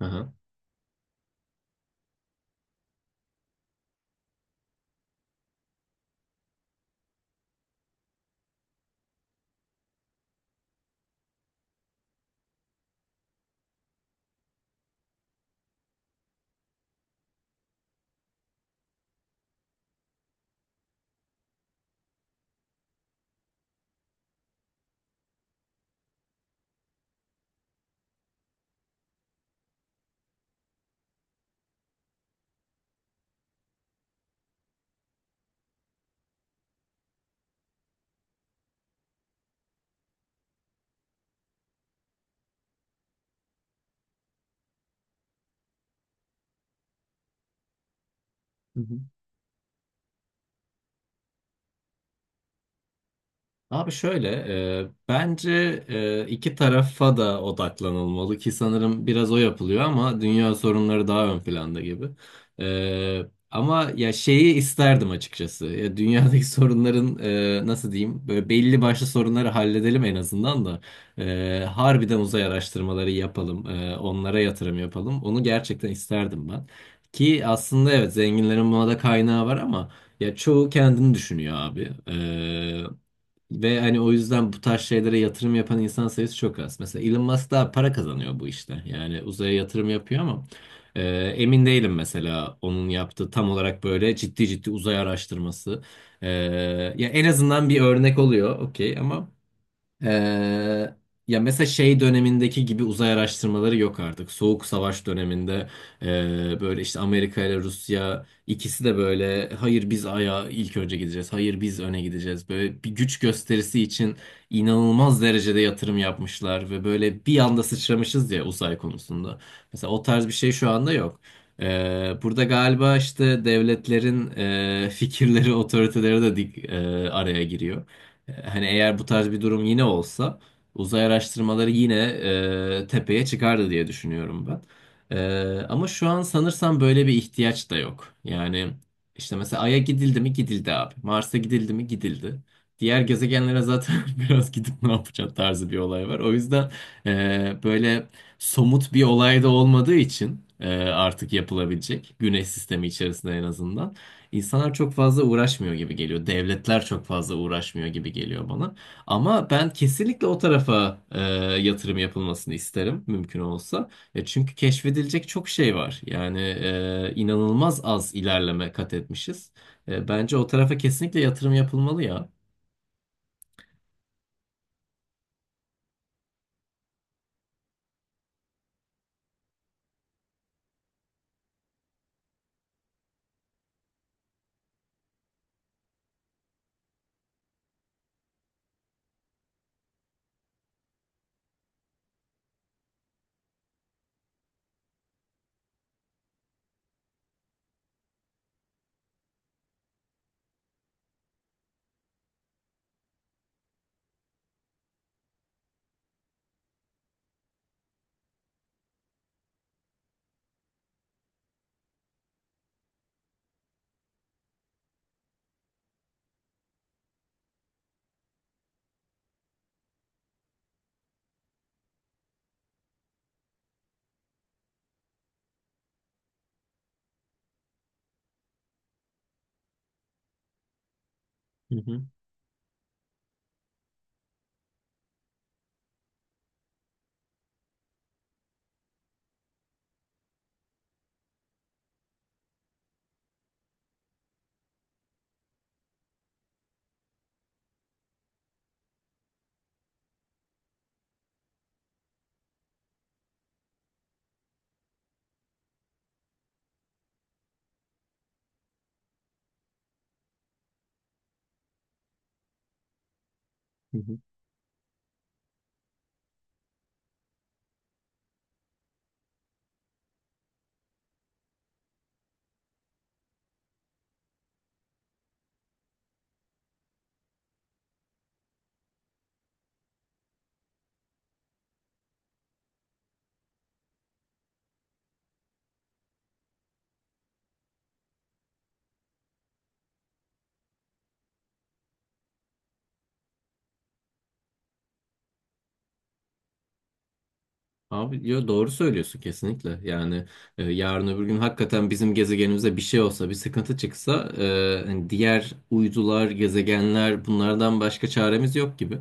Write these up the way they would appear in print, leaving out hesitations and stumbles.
Aha. Hı hı. Abi şöyle, bence iki tarafa da odaklanılmalı ki sanırım biraz o yapılıyor ama dünya sorunları daha ön planda gibi. E, Ama ya şeyi isterdim açıkçası. Ya dünyadaki sorunların nasıl diyeyim, böyle belli başlı sorunları halledelim en azından da harbiden uzay araştırmaları yapalım, onlara yatırım yapalım. Onu gerçekten isterdim ben. Ki aslında evet zenginlerin buna da kaynağı var ama ya çoğu kendini düşünüyor abi. Ve hani o yüzden bu tarz şeylere yatırım yapan insan sayısı çok az. Mesela Elon Musk daha para kazanıyor bu işte. Yani uzaya yatırım yapıyor ama e, emin değilim mesela onun yaptığı tam olarak böyle ciddi ciddi uzay araştırması. E, Ya en azından bir örnek oluyor okey ama ee, ya mesela şey dönemindeki gibi uzay araştırmaları yok artık. Soğuk Savaş döneminde böyle işte Amerika ile Rusya ikisi de böyle hayır biz aya ilk önce gideceğiz. Hayır biz öne gideceğiz. Böyle bir güç gösterisi için inanılmaz derecede yatırım yapmışlar ve böyle bir anda sıçramışız ya uzay konusunda. Mesela o tarz bir şey şu anda yok. Burada galiba işte devletlerin fikirleri, otoriteleri de araya giriyor. Hani eğer bu tarz bir durum yine olsa uzay araştırmaları yine tepeye çıkardı diye düşünüyorum ben. Ama şu an sanırsam böyle bir ihtiyaç da yok. Yani işte mesela Ay'a gidildi mi gidildi abi. Mars'a gidildi mi gidildi. Diğer gezegenlere zaten biraz gidip ne yapacağız tarzı bir olay var. O yüzden böyle somut bir olay da olmadığı için artık yapılabilecek. Güneş sistemi içerisinde en azından. İnsanlar çok fazla uğraşmıyor gibi geliyor. Devletler çok fazla uğraşmıyor gibi geliyor bana. Ama ben kesinlikle o tarafa yatırım yapılmasını isterim mümkün olsa. Ya çünkü keşfedilecek çok şey var. Yani inanılmaz az ilerleme kat etmişiz. Bence o tarafa kesinlikle yatırım yapılmalı ya. Hı hı. Hı hı. Abi yo, doğru söylüyorsun kesinlikle. Yani yarın öbür gün hakikaten bizim gezegenimize bir şey olsa, bir sıkıntı çıksa hani diğer uydular, gezegenler bunlardan başka çaremiz yok gibi.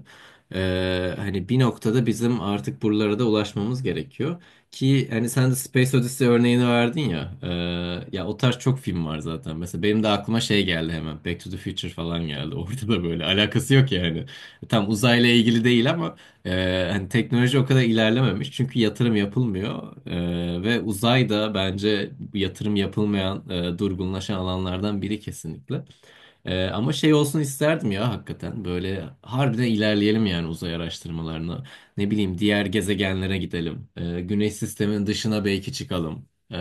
Hani bir noktada bizim artık buralara da ulaşmamız gerekiyor. Ki hani sen de Space Odyssey örneğini verdin ya. Ya o tarz çok film var zaten. Mesela benim de aklıma şey geldi hemen. Back to the Future falan geldi. Orada da böyle alakası yok yani. Tam uzayla ilgili değil ama hani teknoloji o kadar ilerlememiş çünkü yatırım yapılmıyor. Ve uzay da bence yatırım yapılmayan durgunlaşan alanlardan biri kesinlikle. Ama şey olsun isterdim ya hakikaten. Böyle harbiden ilerleyelim yani uzay araştırmalarına. Ne bileyim diğer gezegenlere gidelim. Güneş sisteminin dışına belki çıkalım.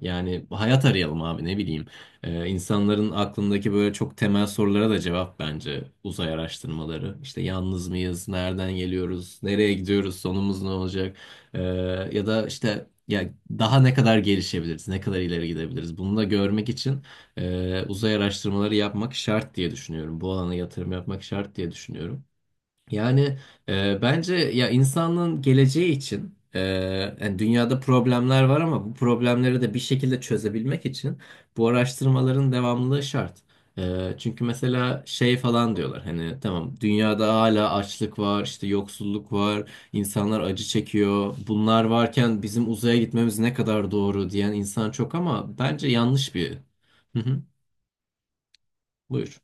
Yani hayat arayalım abi ne bileyim. İnsanların aklındaki böyle çok temel sorulara da cevap bence uzay araştırmaları. İşte yalnız mıyız? Nereden geliyoruz? Nereye gidiyoruz? Sonumuz ne olacak? Ee, Ya da işte ya daha ne kadar gelişebiliriz? Ne kadar ileri gidebiliriz? Bunu da görmek için uzay araştırmaları yapmak şart diye düşünüyorum. Bu alana yatırım yapmak şart diye düşünüyorum. Yani bence ya insanlığın geleceği için yani dünyada problemler var ama bu problemleri de bir şekilde çözebilmek için bu araştırmaların devamlılığı şart. Çünkü mesela şey falan diyorlar hani tamam dünyada hala açlık var işte yoksulluk var insanlar acı çekiyor bunlar varken bizim uzaya gitmemiz ne kadar doğru diyen insan çok ama bence yanlış bir. Hı hı. Buyur.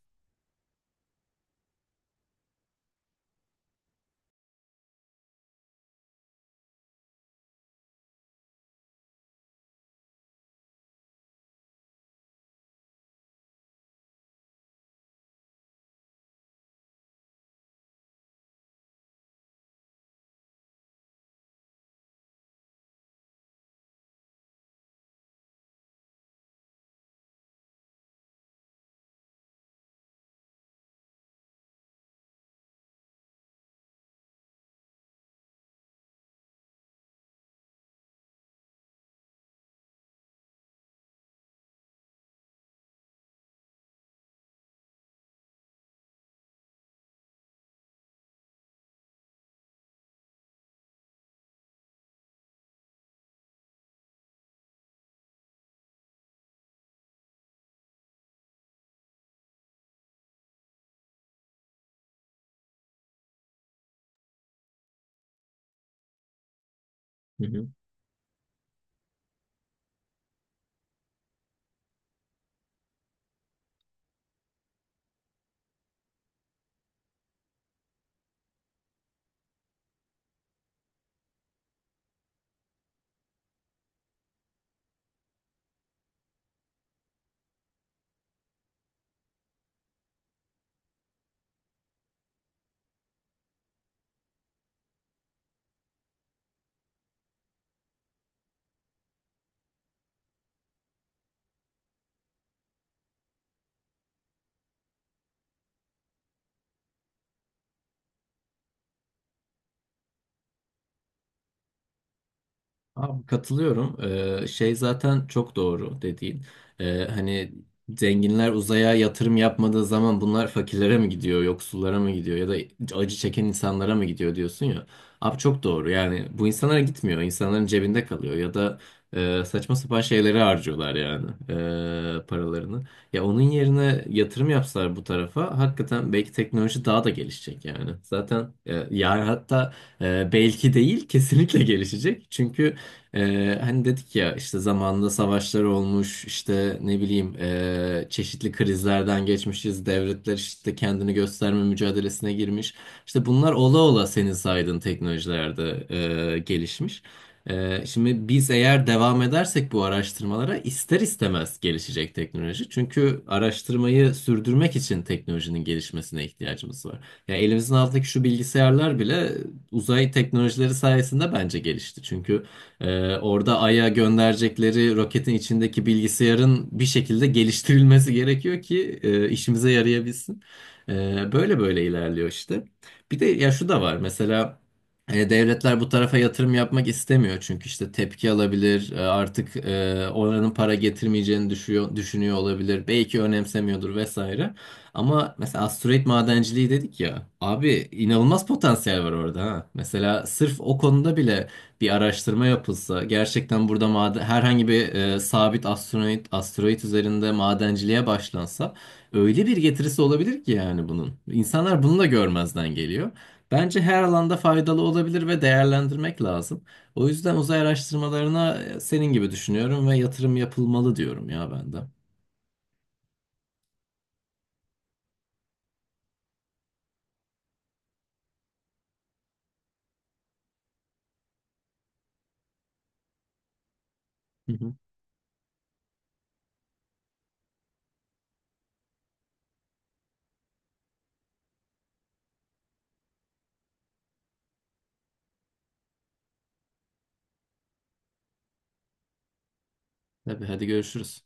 Hı hı. Abi katılıyorum. Şey zaten çok doğru dediğin. Hani zenginler uzaya yatırım yapmadığı zaman bunlar fakirlere mi gidiyor, yoksullara mı gidiyor ya da acı çeken insanlara mı gidiyor diyorsun ya. Abi çok doğru. Yani bu insanlara gitmiyor. İnsanların cebinde kalıyor ya da saçma sapan şeyleri harcıyorlar yani paralarını. Ya onun yerine yatırım yapsalar bu tarafa hakikaten belki teknoloji daha da gelişecek yani. Zaten ya hatta belki değil, kesinlikle gelişecek. Çünkü hani dedik ya işte zamanında savaşlar olmuş işte ne bileyim çeşitli krizlerden geçmişiz devletler işte kendini gösterme mücadelesine girmiş işte bunlar ola ola senin saydığın teknolojilerde gelişmiş. Şimdi biz eğer devam edersek bu araştırmalara ister istemez gelişecek teknoloji çünkü araştırmayı sürdürmek için teknolojinin gelişmesine ihtiyacımız var. Ya elimizin altındaki şu bilgisayarlar bile uzay teknolojileri sayesinde bence gelişti çünkü. Orada Ay'a gönderecekleri roketin içindeki bilgisayarın bir şekilde geliştirilmesi gerekiyor ki işimize yarayabilsin. Böyle böyle ilerliyor işte. Bir de ya şu da var mesela devletler bu tarafa yatırım yapmak istemiyor çünkü işte tepki alabilir artık oranın para getirmeyeceğini düşünüyor olabilir belki önemsemiyordur vesaire. Ama mesela asteroid madenciliği dedik ya abi inanılmaz potansiyel var orada ha. Mesela sırf o konuda bile bir araştırma yapılsa gerçekten burada maden, herhangi bir sabit asteroid üzerinde madenciliğe başlansa öyle bir getirisi olabilir ki yani bunun. İnsanlar bunu da görmezden geliyor. Bence her alanda faydalı olabilir ve değerlendirmek lazım. O yüzden uzay araştırmalarına senin gibi düşünüyorum ve yatırım yapılmalı diyorum ya ben de. Hı hı. Tabii hadi görüşürüz.